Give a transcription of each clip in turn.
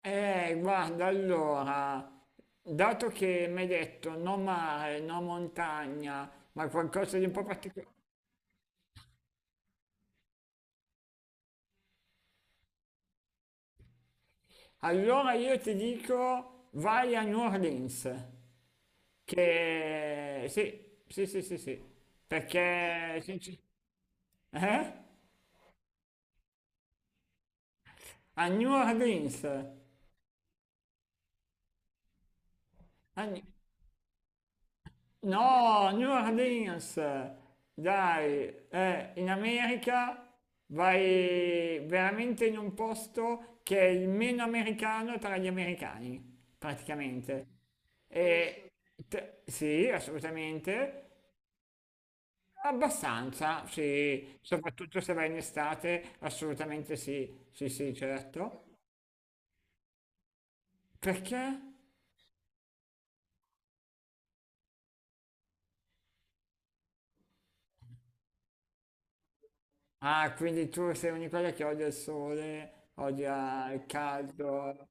Guarda, allora, dato che mi hai detto no mare, no montagna, ma qualcosa di un po' particolare, allora io ti dico vai a New Orleans, che sì, sì, sì, sì, sì, perché eh? A New Orleans, a, New- no, New Orleans, dai, in America vai veramente in un posto che è il meno americano tra gli americani, praticamente. E sì, assolutamente, abbastanza, sì, soprattutto se vai in estate, assolutamente sì, sì, sì, certo. Perché? Ah, quindi tu sei una di quelle che odia il sole, odia il caldo.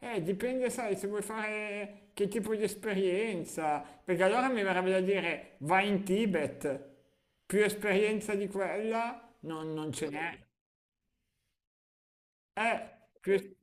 Dipende, sai, se vuoi fare che tipo di esperienza, perché allora mi verrebbe da dire vai in Tibet, più esperienza di quella non ce n'è. Eh, più,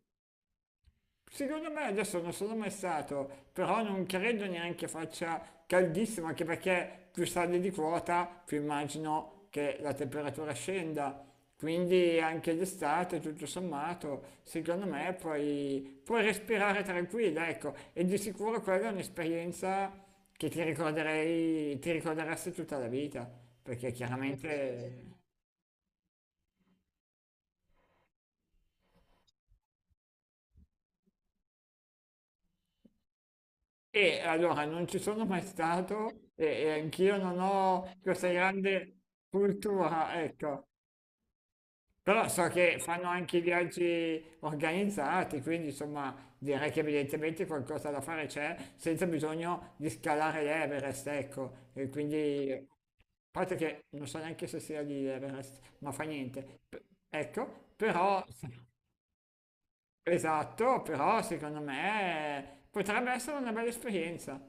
Secondo me adesso non sono mai stato, però non credo neanche faccia caldissimo, anche perché più sali di quota, più immagino che la temperatura scenda. Quindi anche d'estate, tutto sommato, secondo me puoi respirare tranquilla, ecco. E di sicuro quella è un'esperienza che ti ricorderesti tutta la vita, perché chiaramente... E allora non ci sono mai stato e anch'io non ho questa grande cultura, ecco. Però so che fanno anche i viaggi organizzati, quindi insomma direi che evidentemente qualcosa da fare c'è senza bisogno di scalare l'Everest, ecco. E quindi, a parte che non so neanche se sia di Everest, ma fa niente. Ecco, però esatto, però secondo me potrebbe essere una bella esperienza.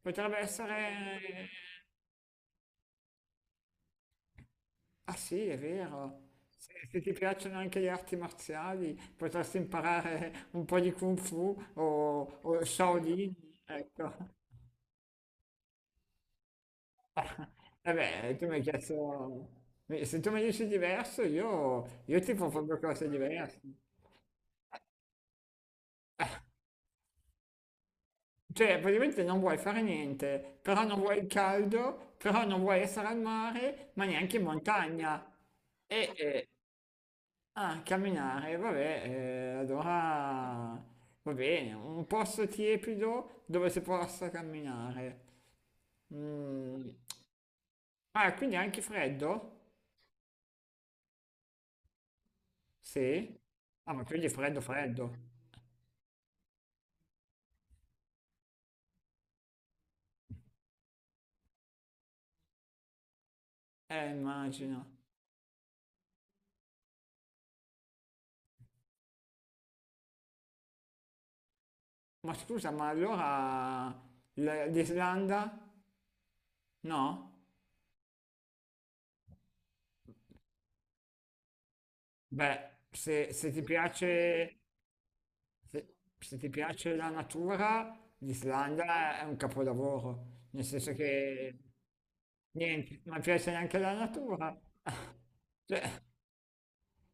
Potrebbe essere... Ah sì, è vero. Se ti piacciono anche le arti marziali, potresti imparare un po' di Kung Fu o Shaolin. Ecco. E beh, tu mi hai chiesto... Se tu mi dici diverso, io ti proprio cose diverse. Cioè, praticamente non vuoi fare niente, però non vuoi il caldo, però non vuoi essere al mare, ma neanche in montagna. E, e- ah, camminare, vabbè, allora va bene, un posto tiepido dove si possa camminare. Mm. Ah, quindi anche freddo? Sì. Ah, ma quindi freddo, freddo. Immagino. Ma scusa, ma allora l'Islanda? No? Beh, se ti piace, se ti piace la natura, l'Islanda è un capolavoro, nel senso che niente, non piace neanche la natura. Cioè,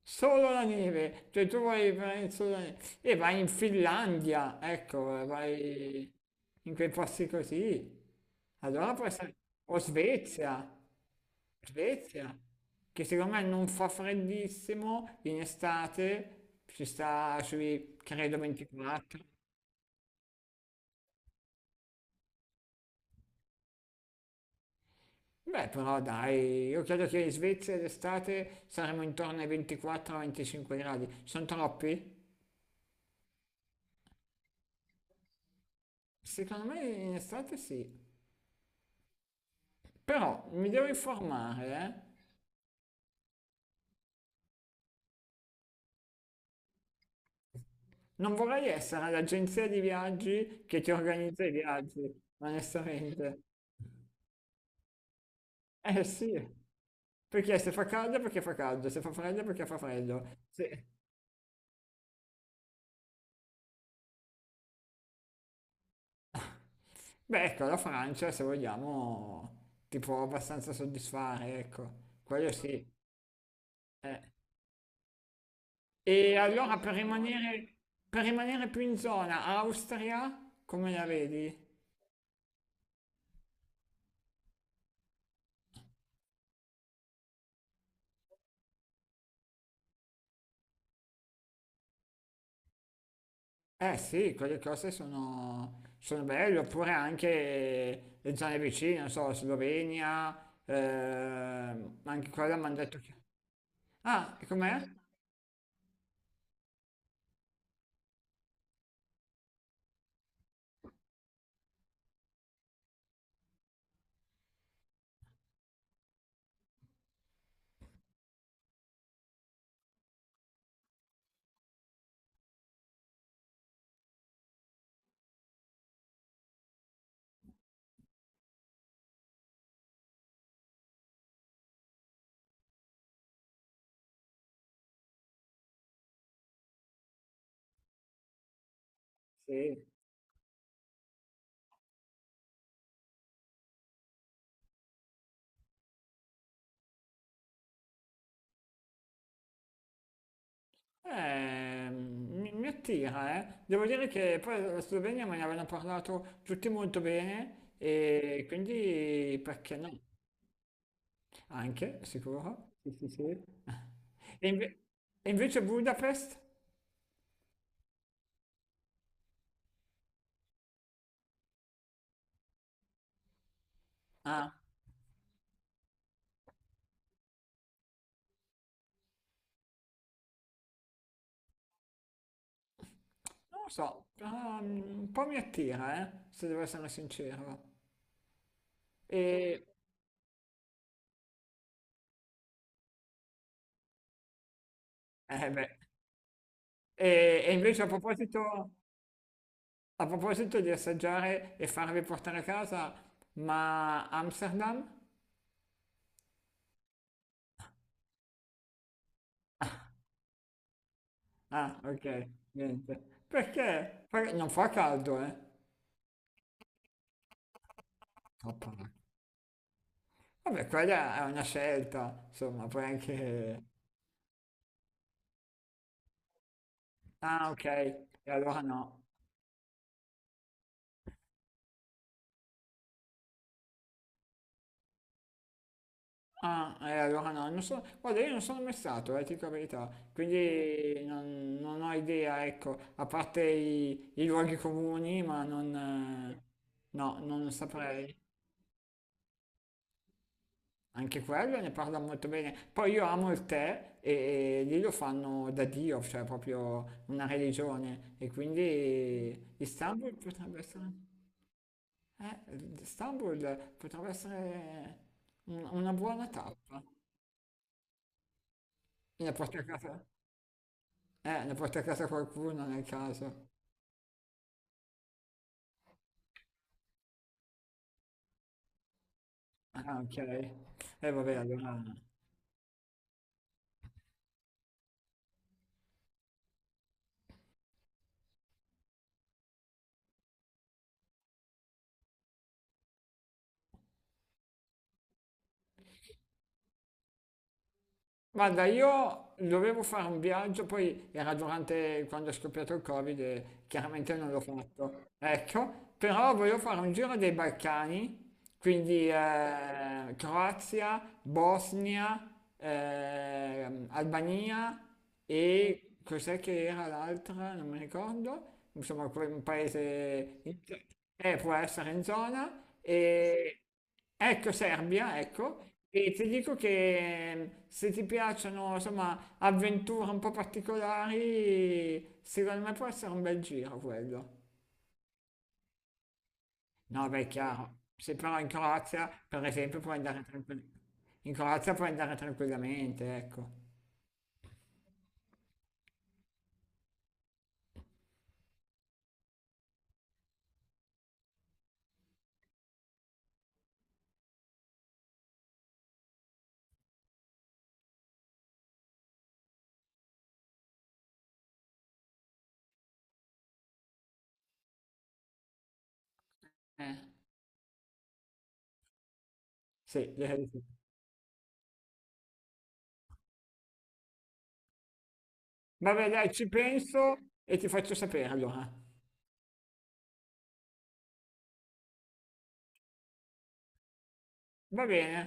solo la neve, cioè tu vai solo la neve. E vai in Finlandia, ecco, vai in quei posti così. Allora può essere, o Svezia, Svezia, che secondo me non fa freddissimo in estate, ci sta sui, credo, 24. Beh, però dai, io credo che in Svezia d'estate saremo intorno ai 24-25 gradi. Sono troppi? Secondo me in estate sì. Però mi devo informare, eh? Non vorrei essere l'agenzia di viaggi che ti organizza i viaggi, onestamente. Eh sì, perché se fa caldo è perché fa caldo, se fa freddo è perché fa freddo. Se- Beh, ecco, la Francia, se vogliamo, ti può abbastanza soddisfare, ecco, quello sì. Eh. E allora per rimanere più in zona, Austria, come la vedi? Eh sì, quelle cose sono belle, oppure anche le zone vicine, non so, Slovenia, anche quella mi hanno detto che... Ah, e com'è? Sì. Mi attira, eh. Devo dire che poi la Slovenia me ne avevano parlato tutti molto bene e quindi perché no? Anche, sicuro. Sì, sì, sì. E, inve- e invece Budapest? Ah, non lo so, ah, un po' mi attira, se devo essere sincero. Mm. E, eh beh, e invece a proposito di assaggiare e farvi portare a casa, ma Amsterdam? Ah, ok, niente. Perché? Perché non fa caldo, eh? Troppo. Vabbè, quella è una scelta, insomma, poi anche... Ah, ok, e allora no. Ah, allora no, non so, guarda, io non sono mai stato, ti dico la verità, quindi non ho idea, ecco, a parte i luoghi comuni, ma non, no, non saprei. Anche quello ne parla molto bene. Poi io amo il tè e lì lo fanno da Dio, cioè proprio una religione, e quindi Istanbul potrebbe essere una buona tappa. E la porti a casa? L'ha porta a casa qualcuno nel caso. Ah, ok. E vabbè, allora guarda, io dovevo fare un viaggio, poi era durante quando è scoppiato il Covid e chiaramente non l'ho fatto. Ecco, però volevo fare un giro dei Balcani, quindi Croazia, Bosnia, Albania e cos'è che era l'altra? Non mi ricordo. Insomma, un paese... eh, può essere in zona e... Ecco Serbia, ecco, e ti dico che se ti piacciono, insomma, avventure un po' particolari, secondo me può essere un bel giro quello. No, beh, è chiaro, se però in Croazia, per esempio, puoi andare tranquillamente. In Croazia puoi andare tranquillamente, ecco. Eh, sì, direi di sì. Vabbè, dai, ci penso e ti faccio sapere allora. Va bene.